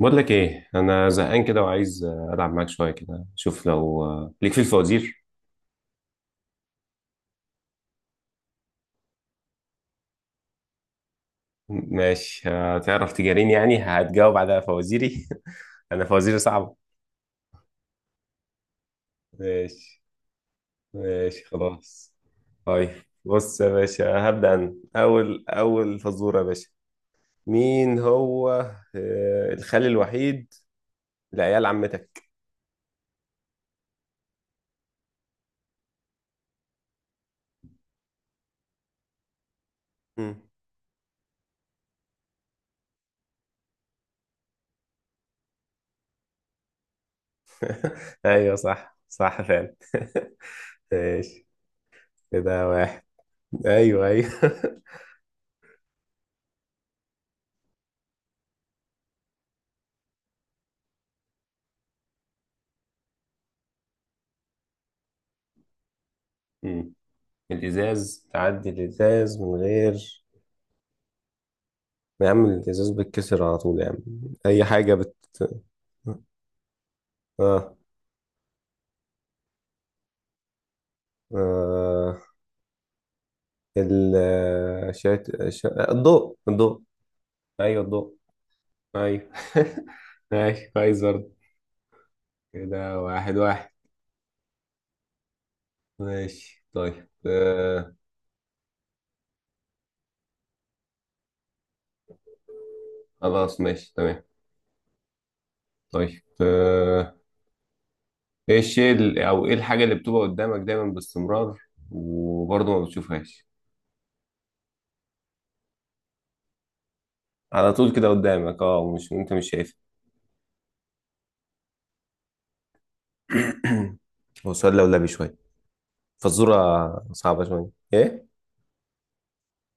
بقول لك ايه، انا زهقان كده وعايز العب معاك شويه كده. شوف لو ليك في الفوازير. ماشي. هتعرف تجاريني؟ يعني هتجاوب على فوازيري؟ انا فوازيري صعبه. ماشي ماشي خلاص. طيب. بص يا باشا، هبدأ انا اول اول فزوره يا باشا. مين هو الخال الوحيد لعيال عمتك؟ مم. ايوه صح صح فعلا. ماشي. كده واحد. ايوه ايوه. الازاز، تعدي الازاز من غير. يا عم، الازاز بيتكسر على طول يا عم. اي حاجه اه، آه. ال الضوء الضوء. ايوه الضوء. ايوه. ماشي كويس برضه. كده واحد واحد. ماشي طيب خلاص ماشي تمام. طيب ايه الشيء او ايه الحاجة اللي بتبقى قدامك دايما باستمرار؟ وبرضه ما بتشوفهاش. على طول كده قدامك، مش انت مش شايفها. هو سؤال لولبي شوية، فالصورة صعبة شوية. ايه؟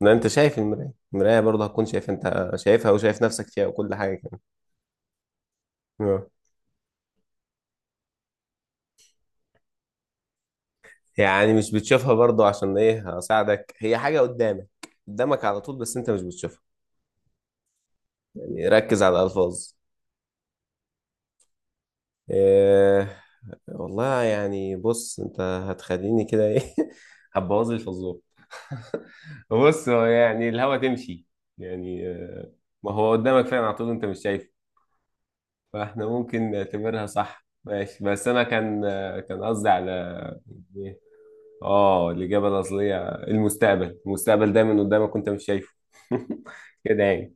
ما انت شايف المراية. المراية برضه هتكون شايف، انت شايفها وشايف نفسك فيها وكل حاجة كمان. آه. يعني مش بتشوفها برضه، عشان ايه هساعدك، هي حاجة قدامك، قدامك على طول بس انت مش بتشوفها. يعني ركز على الألفاظ. إيه؟ والله يعني، بص انت هتخليني كده ايه. هتبوظ لي الفزورة. بص هو يعني الهوا تمشي، يعني ما هو قدامك فعلا على طول، انت مش شايفه. فاحنا ممكن نعتبرها صح. ماشي، بس انا كان قصدي على. إيه؟ اه، الاجابه الاصليه المستقبل. المستقبل دايما قدامك وانت مش شايفه. كده يعني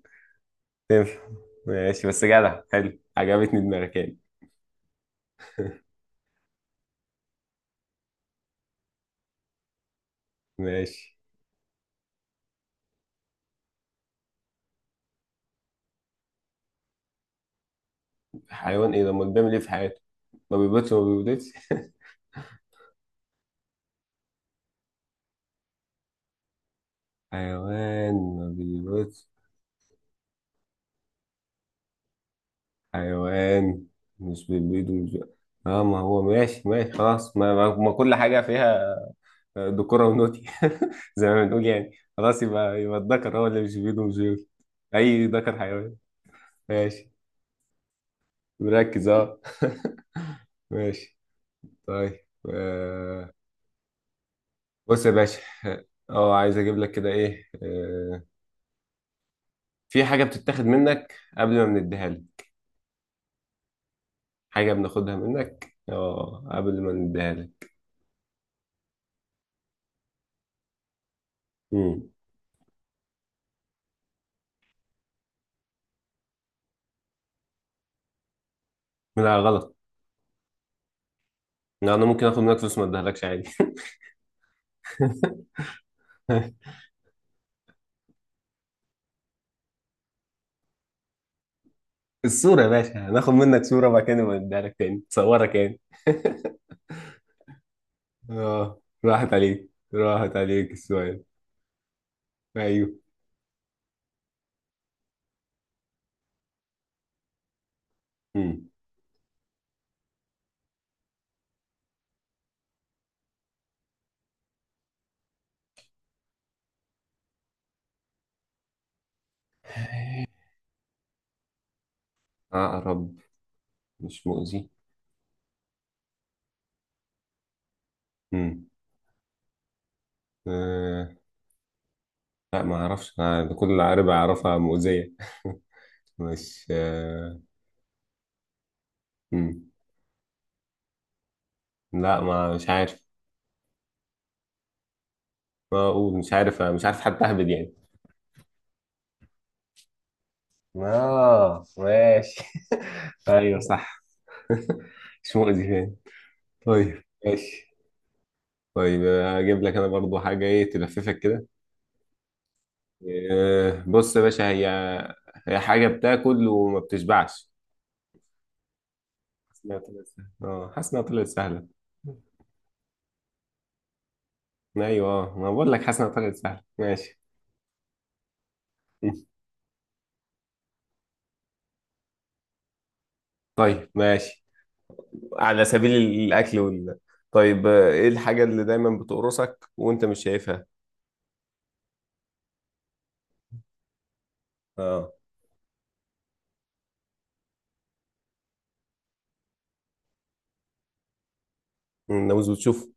تنفع. ماشي، بس جدع، حلو عجبتني دماغك يعني. ماشي. حيوان ايه ده؟ امال بيعمل ايه في حياته؟ ما بيبيضش، ما بيبيضش. حيوان ما بيبيضش. حيوان مش بيبيض ومش اه. ما هو ماشي ماشي خلاص. ما كل حاجه فيها دكورة ونوتي. زي ما بنقول يعني. خلاص يبقى الذكر هو اللي مش بيده ومش بيقول. أي ذكر حيوان. ماشي. مركز، أه. ماشي طيب آه، بص يا باشا، عايز أجيب لك كده في حاجة بتتاخد منك قبل ما بنديها لك. حاجة بناخدها منك، قبل ما نديها لك. مم. لا غلط. لا، أنا ممكن آخد منك فلوس ما أديهالكش عادي. الصورة يا باشا. هناخد منك صورة بعد كده نبقى نديها لك تاني، تصورك يعني. اه راحت عليك، راحت عليك السؤال. ايوه. امم. عقرب مش مؤذي. امم. آه. لا، ما اعرفش أنا، ده كل عقرب اعرفها مؤذية. مش، آه. مم. لا، ما مش عارف. ما اقول مش عارف، مش عارف حتى اهبد يعني. اه ماشي. ايوه صح. مش مؤذي يعني. طيب ماشي. طيب اجيب لك انا برضو حاجة ايه تلففك كده. بص يا باشا، هي حاجة بتاكل وما بتشبعش. حاسس انها طلعت سهلة، اه حاسس انها طلعت سهلة. ايوه ما بقول لك، حاسس انها طلعت سهلة ماشي. طيب ماشي. على سبيل الأكل طيب ايه الحاجة اللي دايما بتقرصك وانت مش شايفها؟ اه. الناموس بتشوفه؟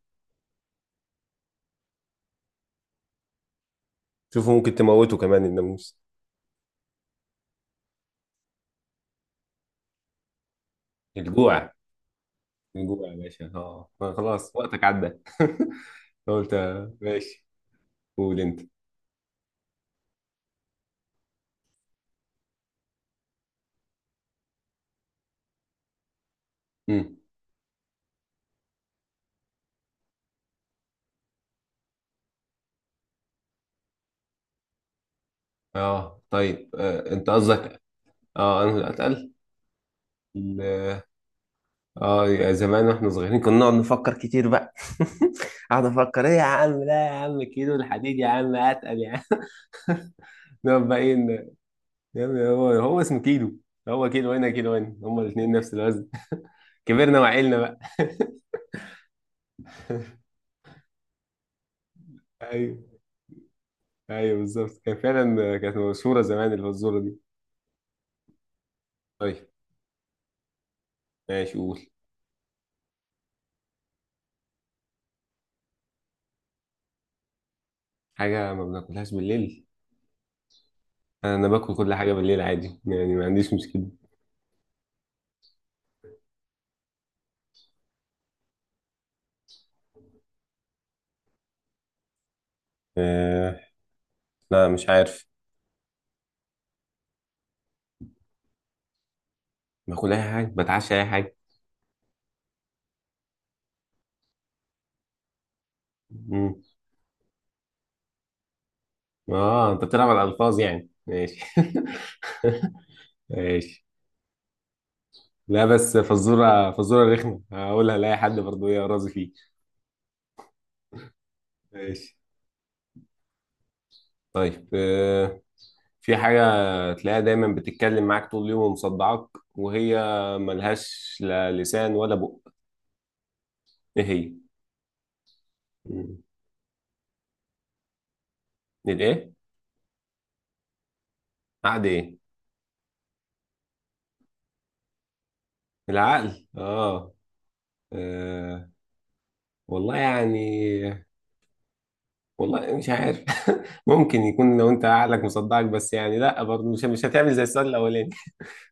شوفه ممكن تموته كمان الناموس. الجوع. الجوع يا باشا، اه خلاص وقتك عدى. قلت ماشي. قول انت. مم. اه طيب انت قصدك. اه انا اللي اتقل. ال- اه، يا زمان واحنا صغيرين كنا نقعد نفكر كتير بقى. اقعد افكر ايه يا عم، لا يا عم، كيلو الحديد يا عم اتقل يا عم. نقعد بقى ايه يا عم، هو اسمه كيلو. هو كيلو هنا كيلو هنا، هما الاثنين نفس الوزن. كبرنا وعقلنا بقى. ايوه ايوه بالظبط، كان فعلا، كانت مشهوره زمان اللي هو الذره دي. طيب ماشي. قول. حاجه ما بناكلهاش بالليل. انا باكل كل حاجه بالليل عادي يعني، ما عنديش مشكله. آه لا، مش عارف. باكل اي حاجه، بتعشى اي حاجه. امم. اه انت بتلعب على الالفاظ يعني، ماشي. ماشي. لا، بس فزوره فزوره رخمه، هقولها لاي حد برضه ايه راضي فيه. ماشي طيب في حاجه تلاقيها دايما بتتكلم معاك طول اليوم ومصدعاك، وهي ملهاش لا لسان ولا بق. ايه هي؟ مم. الايه؟ عقد ايه؟ العقل، اه آه، والله يعني، والله مش عارف. ممكن يكون لو انت عقلك مصدعك، بس يعني لا برضه، مش هتعمل زي السؤال الاولاني.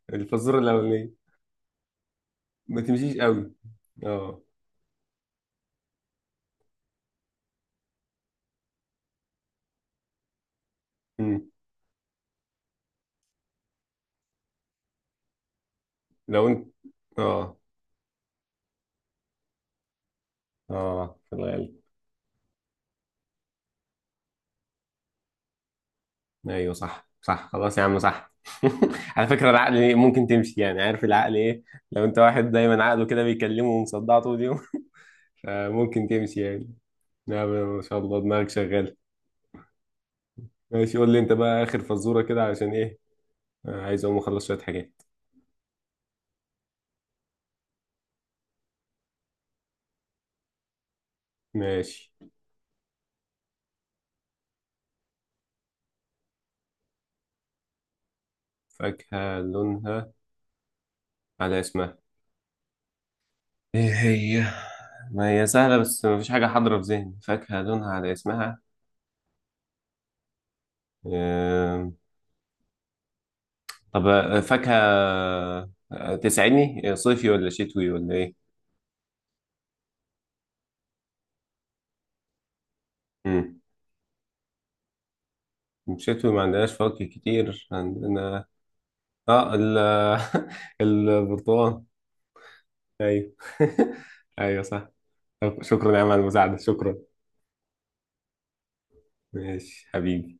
الفزوره الاولانيه ما تمشيش قوي. اه. امم. لو انت اه اه في الغالب. ايوه صح صح، خلاص يا عم صح. على فكره العقل ممكن تمشي يعني. عارف العقل ايه؟ لو انت واحد دايما عقله كده بيكلمه ومصدع طول اليوم. فمممكن تمشي يعني. نعم. ما شاء الله دماغك شغاله. ماشي. قول لي انت بقى اخر فزوره كده، عشان ايه عايز اقوم اخلص شويه حاجات. ماشي. فاكهة لونها على اسمها. ايه هي؟ ما هي سهلة، بس مفيش حاجة حاضرة في ذهني، فاكهة لونها على اسمها. آم، طب فاكهة تسعيني صيفي ولا شتوي ولا ايه؟ مم. شتوي، ما عندناش فواكه كتير عندنا. اه البرتقال. ايوه. ايوه صح. طب شكرا يا عم على المساعدة. شكرا. ماشي حبيبي.